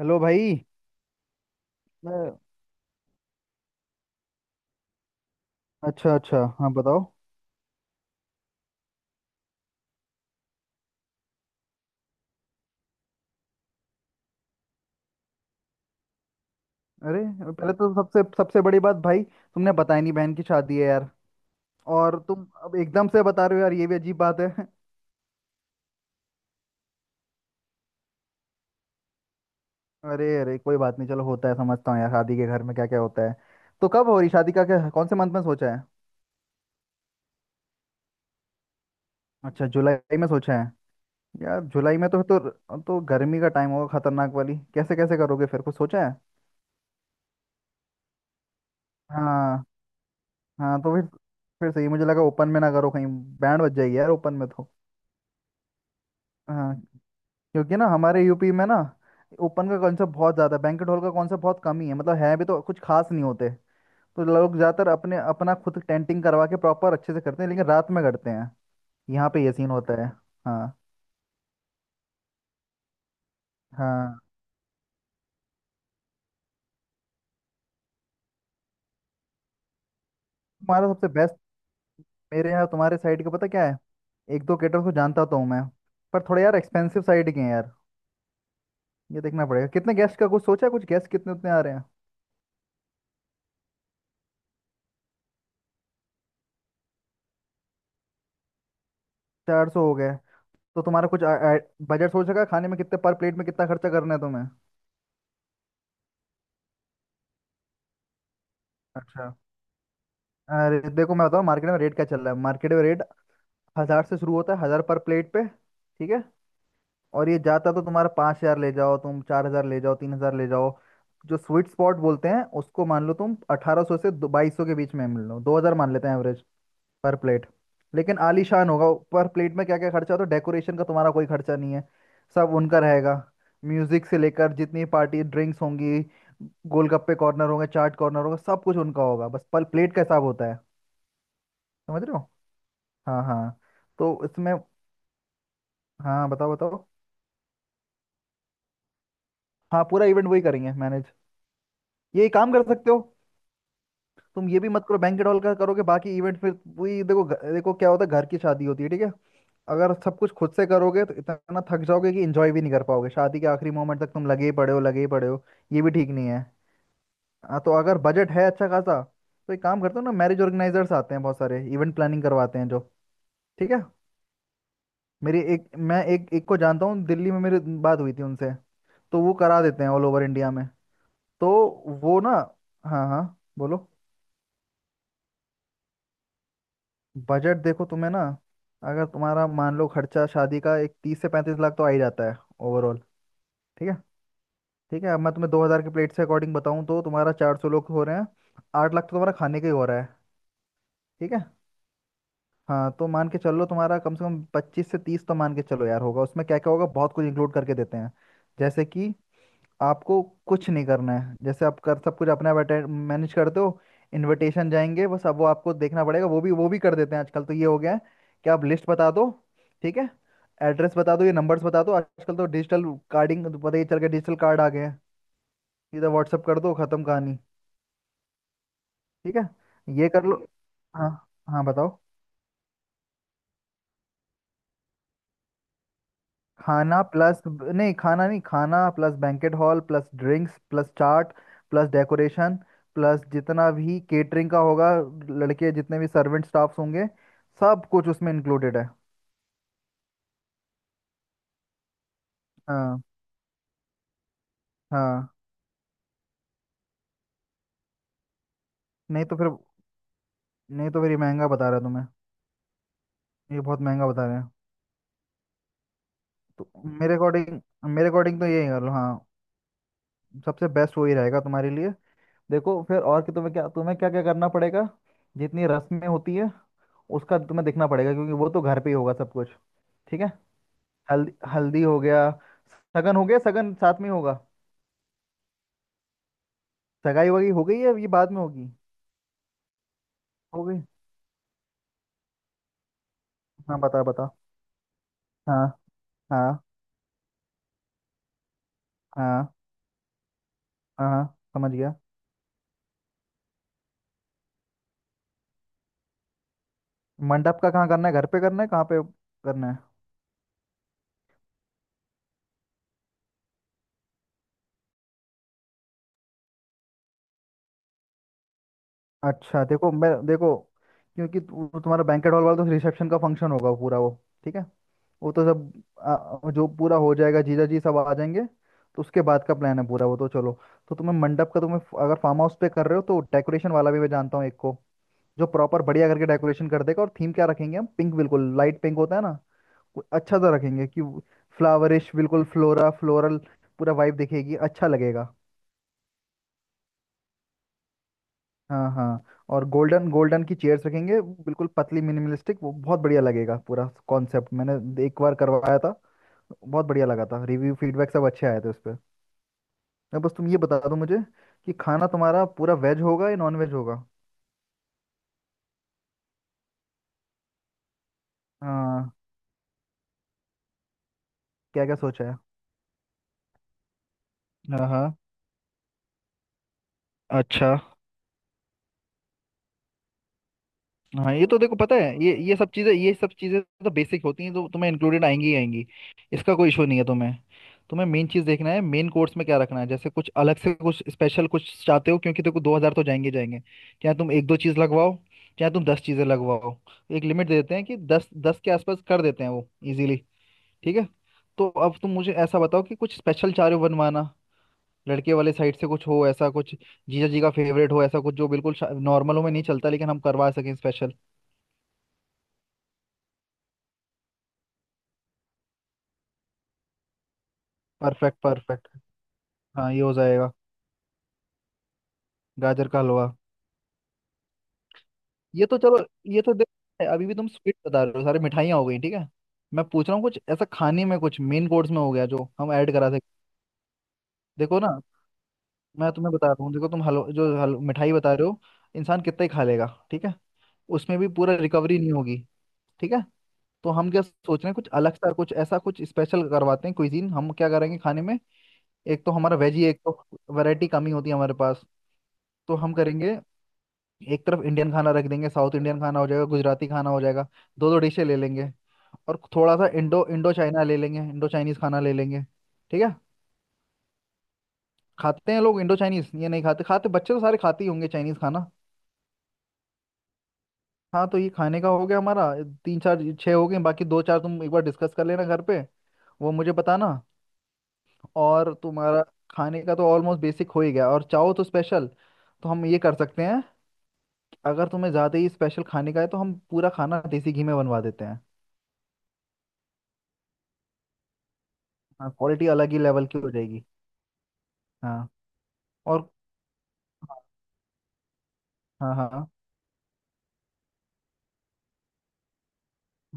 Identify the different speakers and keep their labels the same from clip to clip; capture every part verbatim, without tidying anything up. Speaker 1: Hello भाई। मैं। अच्छा अच्छा, हाँ बताओ। अरे, पहले तो सबसे सबसे बड़ी बात भाई, तुमने बताया नहीं बहन की शादी है यार। और तुम अब एकदम से बता रहे हो, यार ये भी अजीब बात है। अरे अरे, कोई बात नहीं, चलो होता है। समझता हूँ यार, शादी के घर में क्या क्या होता है। तो कब हो रही शादी का, क्या कौन से मंथ में सोचा है? अच्छा, जुलाई में सोचा है। यार जुलाई में तो तो, तो गर्मी का टाइम होगा खतरनाक वाली, कैसे कैसे करोगे फिर, कुछ सोचा है? हाँ। हाँ तो फिर फिर सही मुझे लगा, ओपन में ना करो कहीं, बैंड बज जाएगी यार ओपन में तो। हाँ। क्योंकि ना, हमारे यू पी में ना ओपन का कॉन्सेप्ट बहुत ज़्यादा है, बैंकेट हॉल का कॉन्सेप्ट बहुत कम ही है, मतलब है भी तो कुछ खास नहीं होते। तो लोग ज़्यादातर अपने अपना खुद टेंटिंग करवा के प्रॉपर अच्छे से करते हैं, लेकिन रात में करते हैं। यहाँ पे ये सीन होता है। हाँ। हाँ। हमारा सबसे बेस्ट। मेरे यहाँ, तुम्हारे साइड का पता क्या है? एक दो केटर्स को जानता तो हूँ मैं, पर थोड़े यार एक्सपेंसिव साइड के हैं यार। ये देखना पड़ेगा, कितने गेस्ट का कुछ सोचा है? कुछ गेस्ट कितने उतने आ रहे हैं? चार सौ हो गए। तो तुम्हारा कुछ बजट सोच रखा है खाने में, कितने पर प्लेट में कितना खर्चा करना है तुम्हें? अच्छा। अरे देखो, मैं बताऊँ मार्केट में रेट क्या चल रहा है। मार्केट में रेट हज़ार से शुरू होता है, हज़ार पर प्लेट पे, ठीक है। और ये जाता तो तुम्हारा पाँच हज़ार ले जाओ, तुम चार हज़ार ले जाओ, तीन हज़ार ले जाओ। जो स्वीट स्पॉट बोलते हैं उसको, मान लो तुम अठारह सौ से बाईस सौ के बीच में मिल लो, दो हज़ार मान लेते हैं एवरेज पर प्लेट, लेकिन आलीशान होगा। पर प्लेट में क्या क्या खर्चा होता है, डेकोरेशन का तुम्हारा कोई खर्चा नहीं है, सब उनका रहेगा। म्यूजिक से लेकर जितनी पार्टी ड्रिंक्स होंगी, गोलगप्पे कॉर्नर होंगे, चाट कॉर्नर होगा, सब कुछ उनका होगा, बस पर प्लेट का हिसाब होता है। समझ रहे हो। हाँ हाँ। तो इसमें। हाँ बताओ बताओ। हाँ, पूरा इवेंट वही करेंगे मैनेज। ये काम कर सकते हो। तुम ये भी मत करो, बैंकेट हॉल का करोगे, बाकी इवेंट फिर वही। देखो घ- देखो क्या होता है, घर की शादी होती है, ठीक है। अगर सब कुछ खुद से करोगे तो इतना थक जाओगे कि एंजॉय भी नहीं कर पाओगे, शादी के आखिरी मोमेंट तक तुम लगे ही पड़े हो लगे ही पड़े हो, ये भी ठीक नहीं है। हाँ, तो अगर बजट है अच्छा खासा, तो एक काम करते हो ना, मैरिज ऑर्गेनाइजर्स आते हैं बहुत सारे, इवेंट प्लानिंग करवाते हैं जो, ठीक है। मेरी एक मैं एक एक को जानता हूँ दिल्ली में, मेरी बात हुई थी उनसे। तो वो करा देते हैं ऑल ओवर इंडिया में। तो वो ना। हाँ हाँ। बोलो। बजट देखो तुम्हें ना, अगर तुम्हारा मान लो खर्चा शादी का, एक तीस से पैंतीस लाख तो आ ही जाता है ओवरऑल, ठीक है। ठीक है। अब मैं तुम्हें दो हज़ार के प्लेट से अकॉर्डिंग बताऊँ, तो तुम्हारा चार सौ लोग हो रहे हैं, आठ लाख तो तुम्हारा खाने का ही हो रहा है। ठीक है। हाँ तो मान के चलो तुम्हारा कम से कम पच्चीस से तीस तो मान के चलो यार होगा। उसमें क्या क्या होगा, बहुत कुछ इंक्लूड करके देते हैं, जैसे कि आपको कुछ नहीं करना है। जैसे आप कर सब कुछ अपने आप मैनेज करते हो, इनविटेशन जाएंगे, बस अब वो आपको देखना पड़ेगा। वो भी वो भी कर देते हैं आजकल, तो ये हो गया है कि आप लिस्ट बता दो, ठीक है, एड्रेस बता दो, ये नंबर्स बता दो। आजकल तो डिजिटल कार्डिंग तो पता ही चल गया, डिजिटल कार्ड आ गए हैं, सीधा व्हाट्सअप कर दो, खत्म कहानी। ठीक है। ये कर लो। हाँ। हाँ बताओ। खाना प्लस नहीं, खाना नहीं, खाना plus banquet hall plus drinks plus चाट प्लस डेकोरेशन प्लस जितना भी केटरिंग का होगा, लड़के जितने भी सर्वेंट स्टाफ्स होंगे, सब कुछ उसमें इंक्लूडेड है। हाँ। हाँ। नहीं तो फिर नहीं तो फिर ये महंगा बता रहा है तुम्हें, ये बहुत महंगा बता रहे हैं। तो मेरे अकॉर्डिंग मेरे अकॉर्डिंग तो यही कर लो हाँ, सबसे बेस्ट वही रहेगा तुम्हारे लिए। देखो फिर और कि तुम्हें क्या तुम्हें क्या क्या करना पड़ेगा। जितनी रस्में होती है उसका तुम्हें देखना पड़ेगा, क्योंकि वो तो घर पे ही होगा सब कुछ, ठीक है। हल्दी हल्दी हो गया, सगन हो गया, सगन साथ में होगा। सगाई वगाई हो गई है, ये बाद में होगी। हो गई। हाँ बता बता। हाँ। हाँ। हाँ हाँ हाँ, समझ गया। मंडप का कहाँ करना है, घर पे करना है कहाँ पे करना है? अच्छा देखो, मैं देखो, क्योंकि तु- तुम्हारा बैंकेट हॉल वाला तो रिसेप्शन का फंक्शन होगा पूरा वो, ठीक है। वो तो सब, आ, जो पूरा हो जाएगा, जीजा जी सब आ जाएंगे, तो उसके बाद का प्लान है पूरा वो तो चलो। तो तुम्हें मंडप का, तुम्हें फ- अगर फार्म हाउस पे कर रहे हो तो डेकोरेशन वाला भी मैं जानता हूँ एक को, जो प्रॉपर बढ़िया करके डेकोरेशन कर देगा। और थीम क्या रखेंगे, हम पिंक, बिल्कुल लाइट पिंक होता है ना, वो अच्छा सा रखेंगे, कि फ्लावरिश बिल्कुल फ्लोरा फ्लोरल, पूरा वाइब दिखेगी, अच्छा लगेगा। हाँ हाँ। और गोल्डन गोल्डन की चेयर्स रखेंगे बिल्कुल पतली मिनिमलिस्टिक, वो बहुत बढ़िया लगेगा। पूरा कॉन्सेप्ट मैंने एक बार करवाया था, बहुत बढ़िया लगा था, रिव्यू फीडबैक सब अच्छे आए थे उस पर। अब बस तुम ये बता दो मुझे, कि खाना तुम्हारा पूरा वेज होगा या नॉन वेज होगा? हाँ। क्या क्या सोचा है? हाँ हाँ। अच्छा। हाँ, ये तो देखो पता है, ये ये सब चीज़ें ये सब चीज़ें तो बेसिक होती हैं, तो तुम्हें इंक्लूडेड आएंगी ही आएंगी, इसका कोई इशू नहीं है। तुम्हें, तुम्हें मेन चीज़ देखना है मेन कोर्स में क्या रखना है, जैसे कुछ अलग से कुछ स्पेशल कुछ चाहते हो, क्योंकि देखो, दो हज़ार तो जाएंगे जाएंगे, चाहे तुम एक दो चीज़ लगवाओ, चाहे तुम दस चीज़ें लगवाओ। एक लिमिट दे देते हैं, कि दस दस के आसपास कर देते हैं वो इजीली, ठीक है। तो अब तुम मुझे ऐसा बताओ कि कुछ स्पेशल चाह रहे हो बनवाना, लड़के वाले साइड से कुछ हो ऐसा कुछ, जीजा जी का फेवरेट हो ऐसा कुछ, जो बिल्कुल नॉर्मल हो में नहीं चलता, लेकिन हम करवा सकें स्पेशल। Perfect perfect. हाँ ये हो जाएगा। गाजर का हलवा, ये तो चलो, ये तो देख। अभी भी तुम स्वीट बता रहे हो, सारी मिठाइयाँ हो गई, ठीक है। मैं पूछ रहा हूँ कुछ ऐसा खाने में, कुछ मेन कोर्स में हो गया जो हम ऐड करा सकते। देखो ना, मैं तुम्हें बता रहा हूँ। देखो तुम हलवा, जो हल मिठाई बता रहे हो, इंसान कितना ही खा लेगा, ठीक है, उसमें भी पूरा रिकवरी नहीं होगी, ठीक है। तो हम क्या सोच रहे हैं, कुछ अलग सा कुछ, ऐसा कुछ स्पेशल करवाते हैं, क्विजीन हम क्या करेंगे खाने में। एक तो हमारा वेज ही, एक तो वैरायटी कम ही होती है हमारे पास, तो हम करेंगे एक तरफ इंडियन खाना रख देंगे, साउथ इंडियन खाना हो जाएगा, गुजराती खाना हो जाएगा, दो दो डिशें ले लेंगे, और थोड़ा सा इंडो इंडो चाइना ले लेंगे, इंडो चाइनीज खाना ले लेंगे, ठीक है। खाते हैं लोग इंडो चाइनीज, ये नहीं खाते खाते, बच्चे तो सारे खाते ही होंगे चाइनीज खाना। हाँ तो ये खाने का हो गया हमारा, तीन चार छः हो गए, बाकी दो चार तुम एक बार डिस्कस कर लेना घर पे, वो मुझे बताना। और तुम्हारा खाने का तो ऑलमोस्ट बेसिक हो ही गया, और चाहो तो स्पेशल, तो हम ये कर सकते हैं। अगर तुम्हें ज़्यादा ही स्पेशल खाने का है, तो हम पूरा खाना देसी घी में बनवा देते हैं। हाँ, क्वालिटी अलग ही लेवल की हो जाएगी। हाँ। और। हाँ हाँ।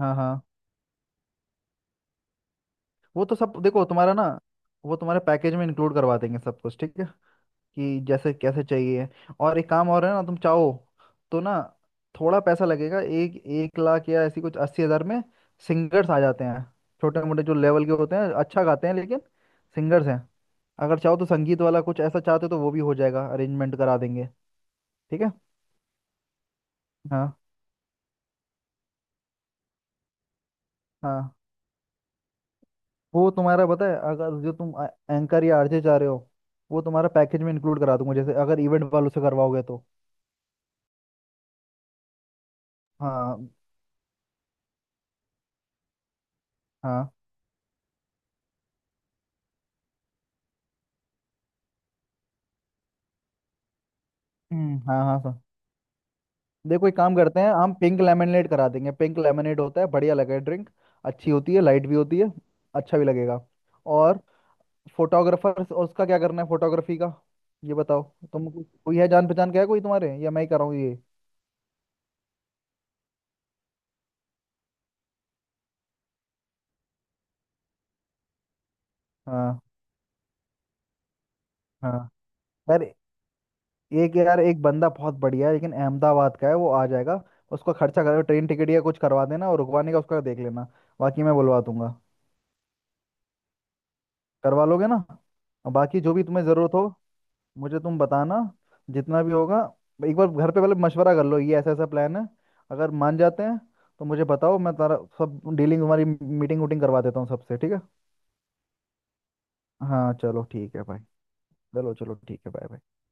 Speaker 1: हाँ। हाँ। वो तो सब देखो तुम्हारा ना, वो तुम्हारे पैकेज में इंक्लूड करवा देंगे सब कुछ, ठीक है, कि जैसे कैसे चाहिए। और एक काम और है ना, तुम चाहो तो ना, थोड़ा पैसा लगेगा, एक एक लाख या ऐसी कुछ अस्सी हजार में, सिंगर्स आ जाते हैं, छोटे मोटे जो लेवल के होते हैं, अच्छा गाते हैं, लेकिन सिंगर्स हैं। अगर चाहो तो संगीत वाला कुछ ऐसा चाहते हो, तो वो भी हो जाएगा, अरेंजमेंट करा देंगे, ठीक है। हाँ। हाँ। वो तुम्हारा पता है, अगर जो तुम एंकर या आर जे चाह रहे हो, वो तुम्हारा पैकेज में इंक्लूड करा दूंगा, जैसे अगर इवेंट वालों से करवाओगे तो। हाँ। हाँ। हम्म, हाँ हाँ सर। देखो, एक काम करते हैं, हम पिंक लेमनेड करा देंगे, पिंक लेमनेड होता है, बढ़िया लगेगा ड्रिंक, अच्छी होती है, लाइट भी होती है, अच्छा भी लगेगा। और फोटोग्राफर उसका क्या करना है, फोटोग्राफी का, ये बताओ। तुम कोई है जान पहचान क्या है कोई तुम्हारे, या मैं ही कराऊँ ये? हाँ। हाँ। यार, एक यार एक बंदा बहुत बढ़िया है, लेकिन अहमदाबाद का है, वो आ जाएगा, उसका खर्चा करो ट्रेन टिकट या कुछ करवा देना, और रुकवाने का उसका देख लेना, बाकी मैं बुलवा दूंगा। करवा लोगे ना। और बाकी जो भी तुम्हें ज़रूरत हो, मुझे तुम बताना, जितना भी होगा। एक बार घर पे पहले मशवरा कर लो, ये ऐसा ऐसा प्लान है, अगर मान जाते हैं तो मुझे बताओ, मैं तारा सब डीलिंग, तुम्हारी मीटिंग वूटिंग करवा देता हूँ सबसे, ठीक है। हाँ, चलो ठीक है भाई। चलो चलो ठीक है, बाय।